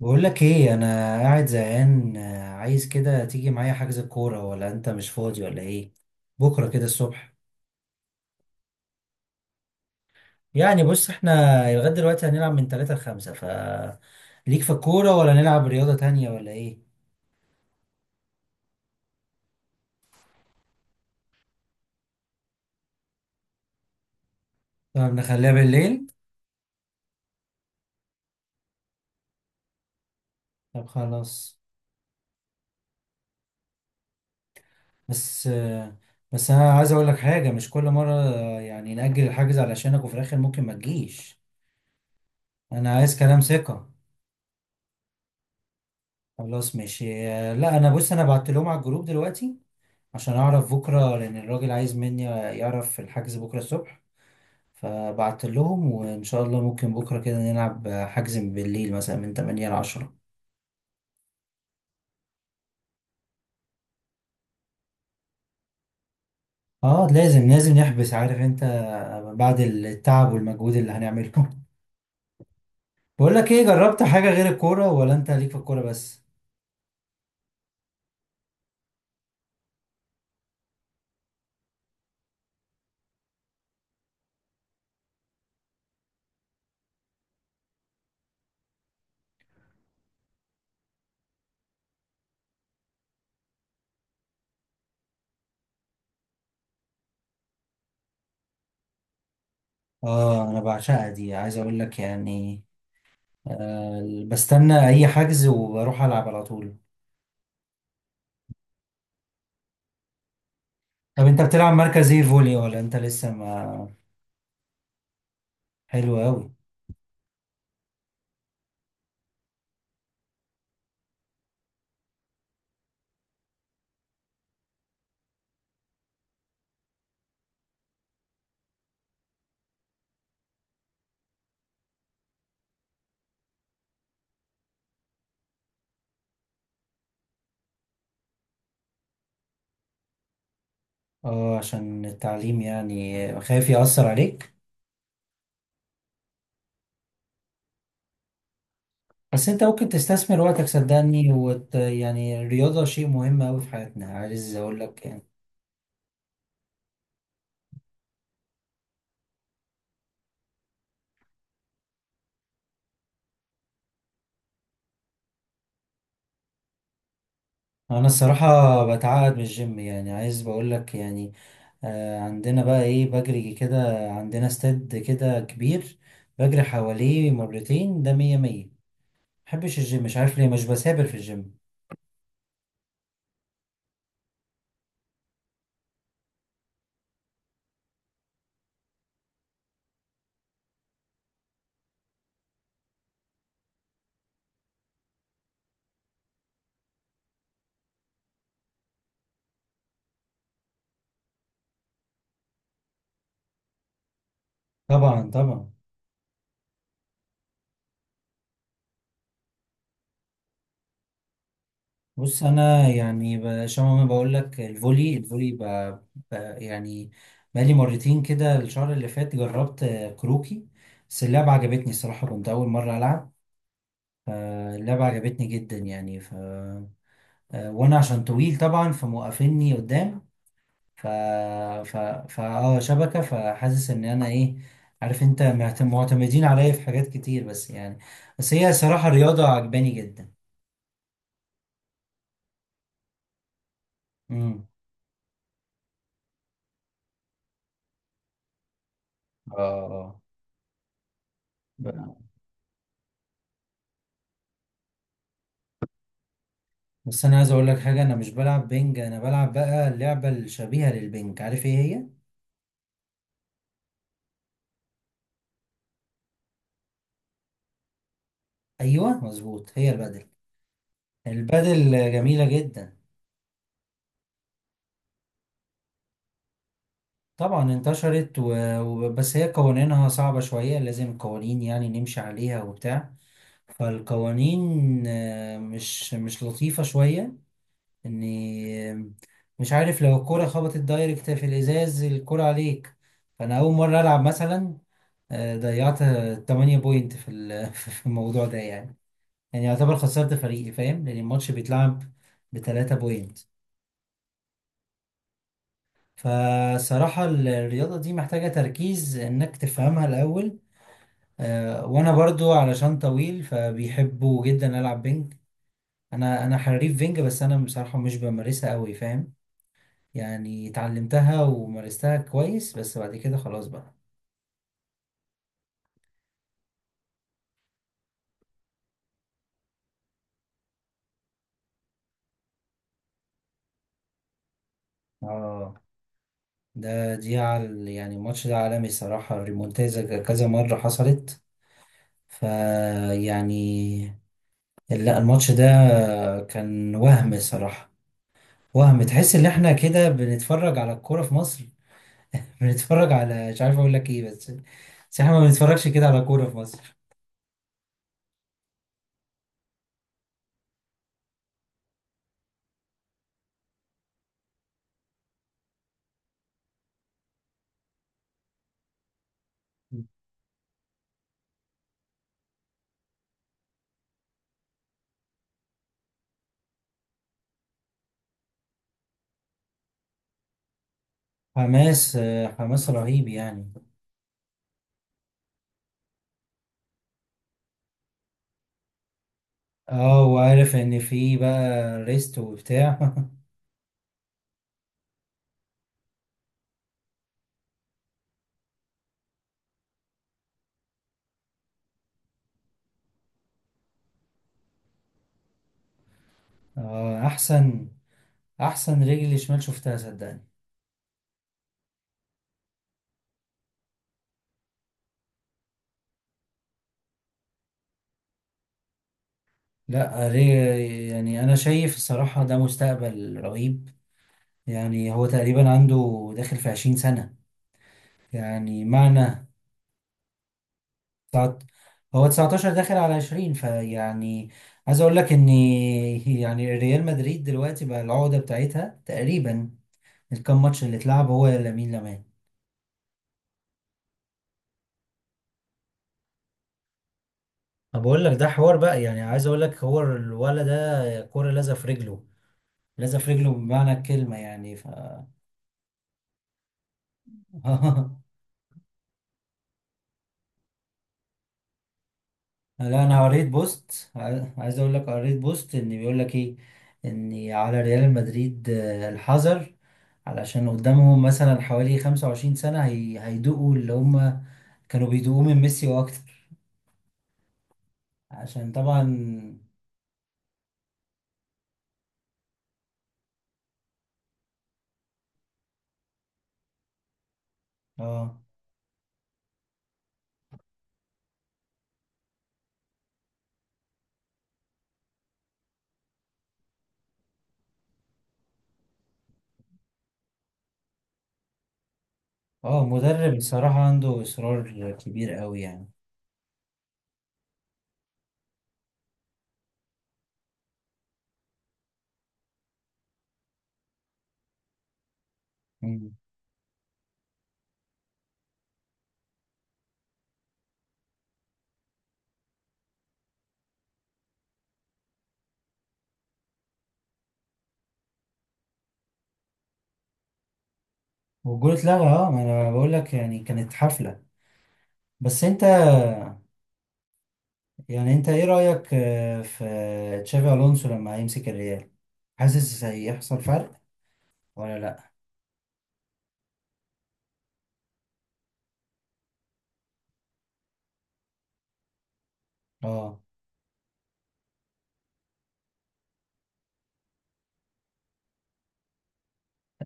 بقول لك ايه. انا قاعد زهقان، عايز كده تيجي معايا حجز الكوره، ولا انت مش فاضي ولا ايه؟ بكره كده الصبح. يعني بص، احنا لغايه دلوقتي هنلعب من 3 ل 5. ف ليك في الكوره، ولا نلعب رياضه تانية ولا ايه؟ طب نخليها بالليل. طب خلاص. بس آه، بس انا عايز اقول لك حاجه، مش كل مره يعني نأجل الحجز علشانك وفي الاخر ممكن ما تجيش. انا عايز كلام ثقه. خلاص ماشي. لا انا بص، انا بعت لهم على الجروب دلوقتي عشان اعرف بكره، لان الراجل عايز مني يعرف الحجز بكره الصبح. فبعت لهم، وان شاء الله ممكن بكره كده نلعب حجز من بالليل، مثلا من 8 ل 10. اه لازم لازم نحبس، عارف انت، بعد التعب والمجهود اللي هنعمله بقول لك ايه، جربت حاجه غير الكوره ولا انت ليك في الكوره بس؟ اه انا بعشقها دي، عايز اقول لك يعني. بستنى اي حجز وبروح العب على طول. طب انت بتلعب مركز ايه، فولي ولا انت لسه ما... حلو قوي. اه عشان التعليم، يعني خايف يأثر عليك. بس انت ممكن تستثمر وقتك، صدقني، يعني الرياضة شيء مهم أوي في حياتنا، عايز أقول لك يعني. أنا الصراحة بتعقد من الجيم، يعني عايز بقول لك يعني. عندنا بقى إيه، بجري كده. عندنا استاد كده كبير بجري حواليه مرتين، ده مية مية. محبش الجيم، مش عارف ليه مش بسافر في الجيم. طبعا طبعا. بص انا يعني شبه ما بقول لك، الفولي ب... يعني بقالي مرتين كده الشهر اللي فات جربت كروكي. بس اللعبة عجبتني الصراحة، كنت أول مرة ألعب، فاللعبة عجبتني جدا يعني. ف... آه، وأنا عشان طويل طبعا فموقفيني قدام. ف ف ف اه شبكة. فحاسس إن أنا إيه، عارف أنت معتمدين عليا في حاجات كتير، بس يعني بس هي صراحة رياضة عجباني جدا. امم. اه. آه. بس انا عايز اقول لك حاجه، انا مش بلعب بينج، انا بلعب بقى اللعبه الشبيهه للبينج، عارف ايه هي؟ ايوه مظبوط، هي البادل. البادل جميله جدا. طبعا انتشرت بس هي قوانينها صعبه شويه، لازم قوانين يعني نمشي عليها وبتاع. فالقوانين مش لطيفة شوية. اني مش عارف، لو الكرة خبطت دايركت في الازاز، الكرة عليك. فانا اول مرة العب مثلا ضيعت 8 بوينت في في الموضوع ده يعني. يعني يعتبر خسرت فريقي، فاهم، لان الماتش بيتلعب بتلاتة بوينت. فصراحة الرياضة دي محتاجة تركيز انك تفهمها الاول. وانا برضو علشان طويل فبيحبوا جدا العب بينج. انا حريف بينج، بس انا بصراحة مش بمارسها قوي فاهم. يعني اتعلمتها ومارستها كويس، بس بعد كده خلاص بقى. اه دي عال، يعني الماتش ده عالمي الصراحة، ريمونتازا كذا مرة حصلت فيعني. لا الماتش ده كان وهم صراحة، وهم، تحس ان احنا كده بنتفرج على الكورة في مصر بنتفرج على، مش عارف اقول لك ايه، بس بس احنا ما بنتفرجش كده على كورة في مصر. حماس رهيب يعني. اه وعارف ان في بقى ريست وبتاع اه احسن. احسن رجل شمال، شفتها صدقني. لا يعني انا شايف الصراحة ده مستقبل رهيب. يعني هو تقريبا عنده داخل في 20 سنة، يعني معنى تسعة- هو 19 داخل على 20، فيعني عايز اقول لك ان، يعني ريال مدريد دلوقتي بقى العقدة بتاعتها تقريبا الكام ماتش اللي اتلعب هو لامين يامال. انا بقول لك ده حوار بقى، يعني عايز اقول لك، هو الولد ده كورة لازقة في رجله، لازقة في رجله بمعنى الكلمة يعني. لا انا قريت بوست، عايز اقول لك قريت بوست ان بيقول لك ايه، ان على ريال مدريد الحذر، علشان قدامهم مثلا حوالي 25 سنة هيدوقوا اللي هم كانوا بيدوقوه من ميسي واكتر، عشان طبعا اه. اه مدرب الصراحة عنده اصرار كبير قوي يعني. مم. والجول اتلغى، اه ما انا بقول لك يعني كانت حفلة. بس انت يعني، انت ايه رأيك في تشافي الونسو لما هيمسك الريال؟ حاسس هيحصل فرق ولا لا؟ اه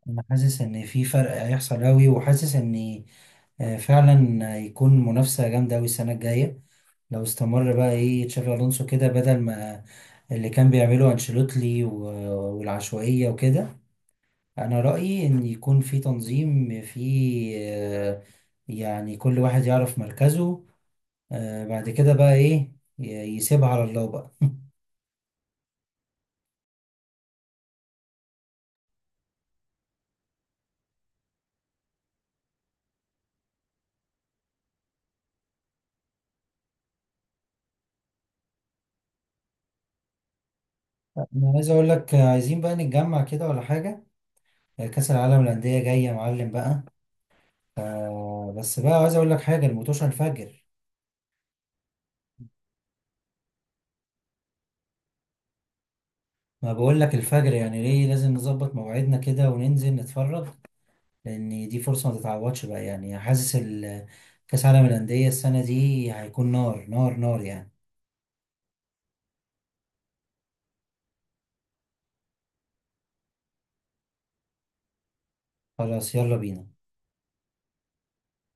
انا حاسس ان في فرق هيحصل قوي، وحاسس ان فعلا هيكون منافسه جامده قوي السنه الجايه لو استمر بقى ايه تشافي الونسو كده بدل ما اللي كان بيعمله انشيلوتي والعشوائيه وكده. انا رايي ان يكون في تنظيم، في آه، يعني كل واحد يعرف مركزه. بعد كده بقى ايه ي- يسيبها على الله بقى. انا عايز اقول لك عايزين بقى نتجمع كده ولا حاجه. كأس العالم للأندية جاية يا معلم بقى. بس بقى عايز اقول لك حاجه، الموتوشه الفجر. ما بقول لك الفجر، يعني ليه لازم نظبط مواعيدنا كده وننزل نتفرج، لان دي فرصه ما تتعوضش بقى. يعني حاسس كاس عالم الانديه السنه دي هيكون نار نار نار يعني. خلاص يلا بينا.